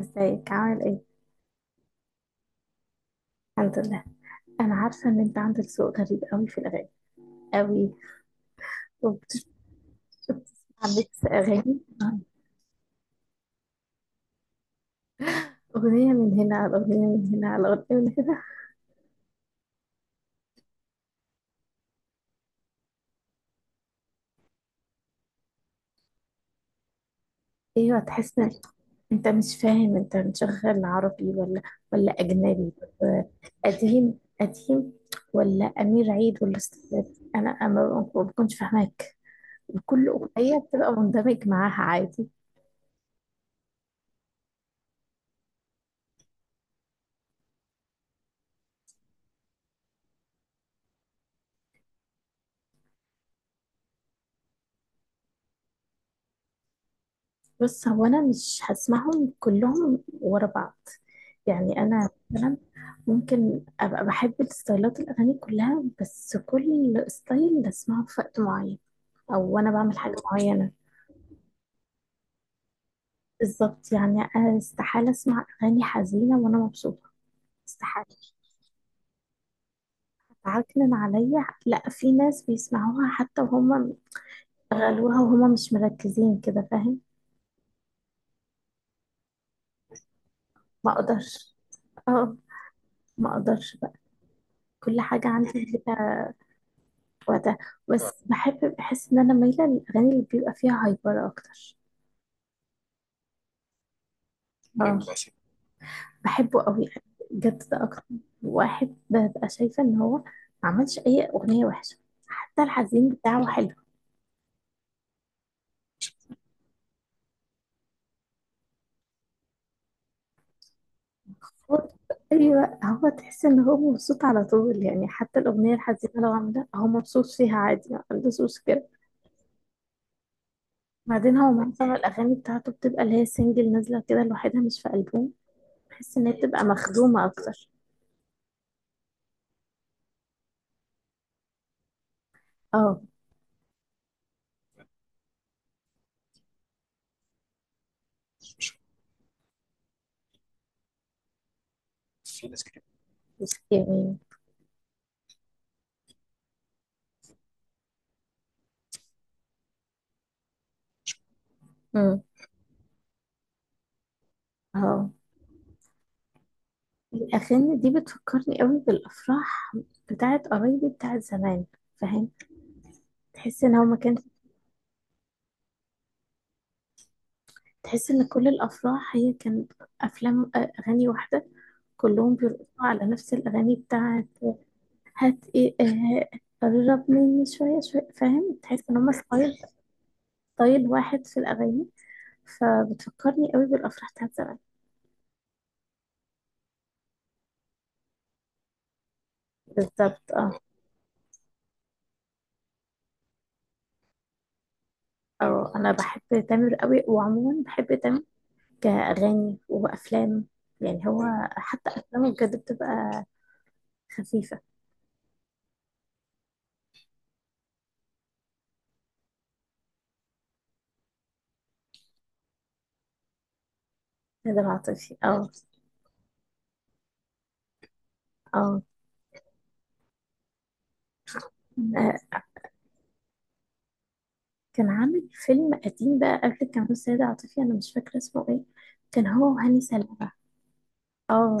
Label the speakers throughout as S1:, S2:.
S1: ازيك، عامل ايه؟ الحمد لله. انا عارفه ان انت عندك ذوق غريب قوي في الاغاني، قوي. وبتسمع ميكس اغاني، اغنيه من هنا على اغنيه من هنا على اغنيه من هنا. ايوه، تحس ان انت مش فاهم، انت مشغل عربي ولا اجنبي، ولا قديم قديم، ولا امير عيد، ولا استاذ. أنا ما بكونش فاهماك، وكل اغنيه بتبقى مندمج معاها عادي. بص، هو انا مش هسمعهم كلهم ورا بعض، يعني انا مثلا ممكن ابقى بحب الستايلات الاغاني كلها، بس كل ستايل بسمعه في وقت معين، او وانا بعمل حاجه معينه. بالظبط، يعني انا استحاله اسمع اغاني حزينه وانا مبسوطه، استحاله. عكنن عليا، لا في ناس بيسمعوها حتى وهم غلوها وهم مش مركزين كده، فاهم؟ ما اقدرش. اه، ما اقدرش بقى. كل حاجه عندي ليها وقتها. بس بحس ان انا مايله للاغاني اللي بيبقى فيها هايبر اكتر. اه، بحبه قوي يعني، بجد، ده اكتر واحد ببقى شايفه ان هو ما عملش اي اغنيه وحشه، حتى الحزين بتاعه حلو. هو، ايوه، هو تحس ان هو مبسوط على طول، يعني حتى الاغنيه الحزينه لو عامله هو مبسوط فيها عادي، ما عندوش مشكله. بعدين هو معظم الاغاني بتاعته بتبقى اللي هي سنجل نازله كده لوحدها، مش في البوم، بحس ان هي بتبقى مخدومه اكتر. اه، مش يعني. امم. اه، الأغاني دي بتفكرني قوي بالأفراح بتاعت قرايبي، بتاعت زمان، فاهم؟ تحس إن هو ما كان، تحس إن كل الأفراح هي كانت أفلام، أغاني واحدة، كلهم بيرقصوا على نفس الأغاني بتاعت هات إيه، قرب مني شوية شوية، فاهم؟ تحس إن هما ستايل واحد في الأغاني، فبتفكرني قوي بالأفراح بتاعت زمان. بالظبط اه. اه، أنا بحب تامر قوي، وعموما بحب تامر كأغاني وأفلام، يعني هو حتى أفلامه بجد بتبقى خفيفة. نادر عاطفي، اه. اه، آه، كان عامل فيلم قديم بقى قبل، كان هو السيدة عاطفي، أنا مش فاكرة اسمه ايه. كان هو وهاني سلامة. اه،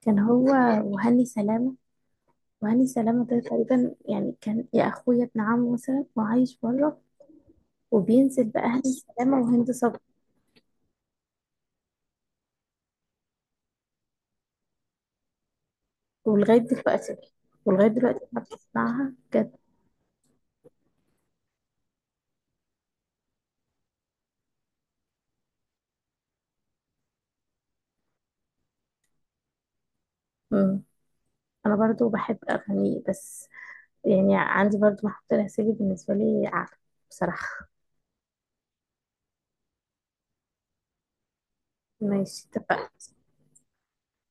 S1: كان هو وهاني سلامة. وهاني سلامة ده تقريبا يعني كان يا أخويا ابن عمه مثلا وعايش بره، وبينزل بقى هاني سلامة وهند صبري. ولغاية دلوقتي ولغاية دلوقتي أنا بسمعها بجد. مم. أنا برضو بحب أغانيه، بس يعني عندي برضو محطة الغسيل بالنسبة لي أعلى، بصراحة. ماشي، اتفقنا.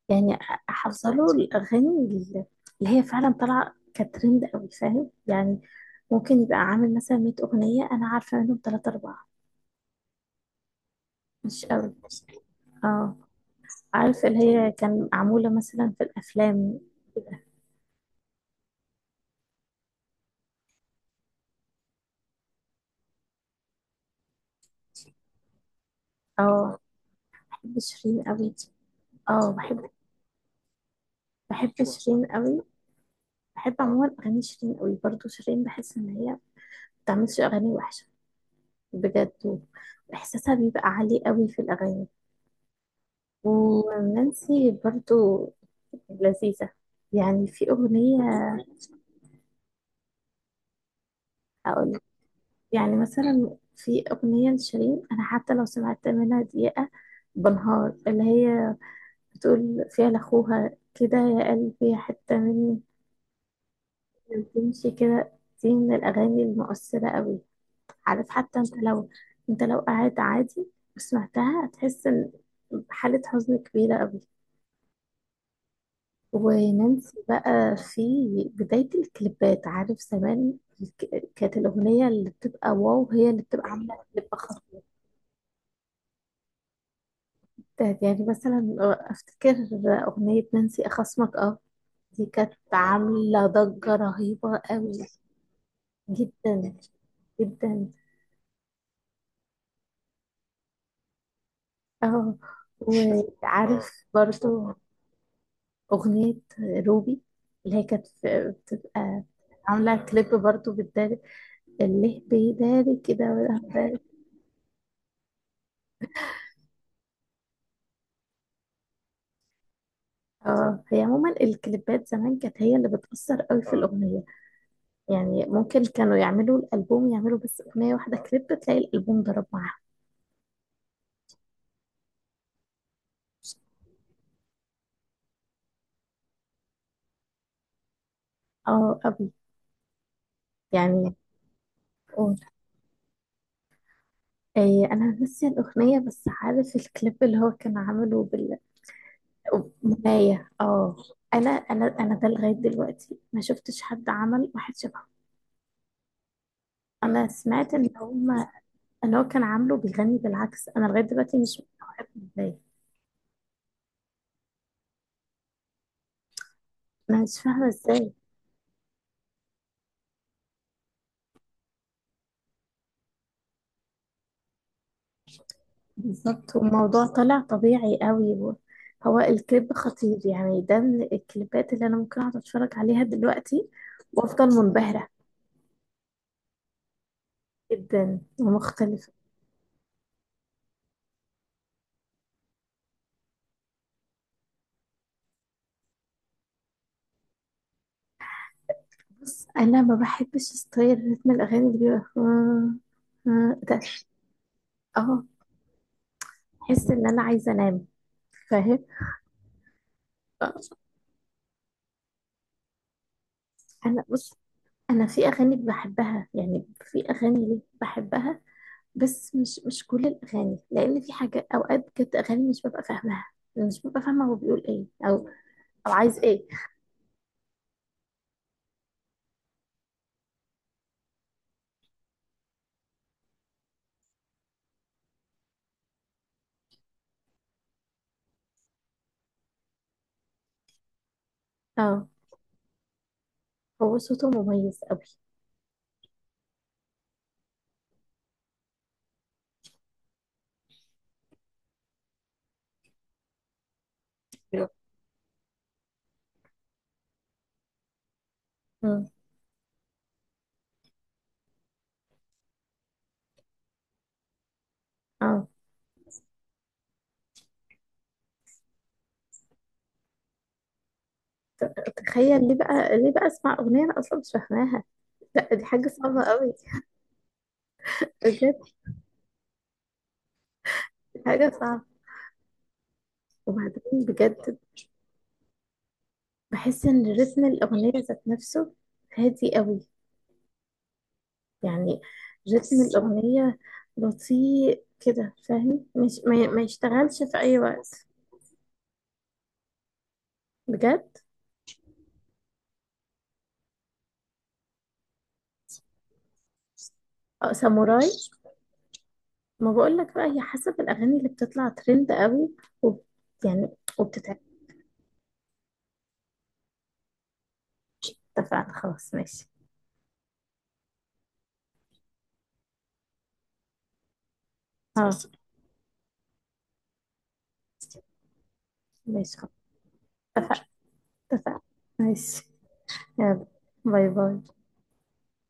S1: يعني حافظة له الأغاني اللي هي فعلا طالعة كترند أوي، فاهم؟ يعني ممكن يبقى عامل مثلا 100 أغنية، أنا عارفة منهم تلاتة أربعة، مش أوي. اه، عارف اللي هي كان معمولة مثلا في الأفلام كده. اه، بحب شيرين قوي دي. اه، بحب شيرين قوي، بحب عموما أغاني شيرين قوي، برضو شيرين بحس إن هي ما بتعملش أغاني وحشة، بجد، وإحساسها بيبقى عالي قوي في الأغاني، ونانسي برضو لذيذة. يعني في أغنية أقول يعني مثلا في أغنية لشيرين، أنا حتى لو سمعت منها دقيقة، بنهار، اللي هي بتقول فيها لأخوها كده يا قلبي حتة مني، بتمشي كده، دي من الأغاني المؤثرة قوي. عارف، حتى أنت لو قاعد عادي وسمعتها هتحس إن حالة حزن كبيرة قوي. ونانسي بقى في بداية الكليبات، عارف زمان، كانت الأغنية اللي بتبقى واو هي اللي بتبقى عاملة كليب خطير. يعني مثلا أفتكر أغنية نانسي أخصمك، دي كانت عاملة ضجة رهيبة قوي، جدا جدا. اه اه، وعارف برضو أغنية روبي، اللي هي كانت بتبقى عاملة كليب برضو بتداري، اللي بيداري كده. اه، هي عموما الكليبات زمان كانت هي اللي بتأثر قوي في الأغنية، يعني ممكن كانوا يعملوا الألبوم، يعملوا بس أغنية واحدة كليب تلاقي الألبوم ضرب معاها. اه قوي يعني. قول إيه، أنا ناسية الأغنية بس عارف الكليب اللي هو كان عامله بالأغنية، اه. أنا ده لغاية دلوقتي ما شفتش حد عمل واحد شبهه. أنا سمعت إن هو كان عامله بيغني بالعكس، أنا لغاية دلوقتي مش مستوعبة إزاي، أنا مش فاهمة إزاي. بالظبط، والموضوع طلع طبيعي قوي هو الكليب خطير، يعني ده من الكليبات اللي انا ممكن اقعد اتفرج عليها دلوقتي وافضل منبهرة، جدا ومختلفة. بس انا ما بحبش ستايل رتم الاغاني اللي بيبقى ده. اه، بحس ان انا عايزة انام، فاهم؟ آه، انا بص، انا في اغاني بحبها، يعني في اغاني ليه بحبها، بس مش كل الاغاني، لان في حاجه اوقات كانت اغاني مش ببقى فاهماها، مش ببقى فاهمه هو بيقول ايه او عايز ايه. اه، هو صوته مميز قوي. أيوة. مم. اه، تخيل، ليه بقى اسمع اغنيه انا اصلا مش فاهماها؟ لا دي حاجه صعبه قوي، بجد، حاجه صعبه. وبعدين بجد بحس ان رتم الاغنيه ذات نفسه هادي قوي، يعني رتم الاغنيه بطيء كده، فاهم؟ مش ما يشتغلش في اي وقت، بجد. اه، ساموراي. ما بقولك بقى، هي حسب الأغاني اللي بتطلع ترند قوي، وب... يعني وبتتعب. اتفقنا، خلاص، ماشي. اه، ماشي خلاص، اتفقنا، اتفقنا، ماشي. يلا، باي باي.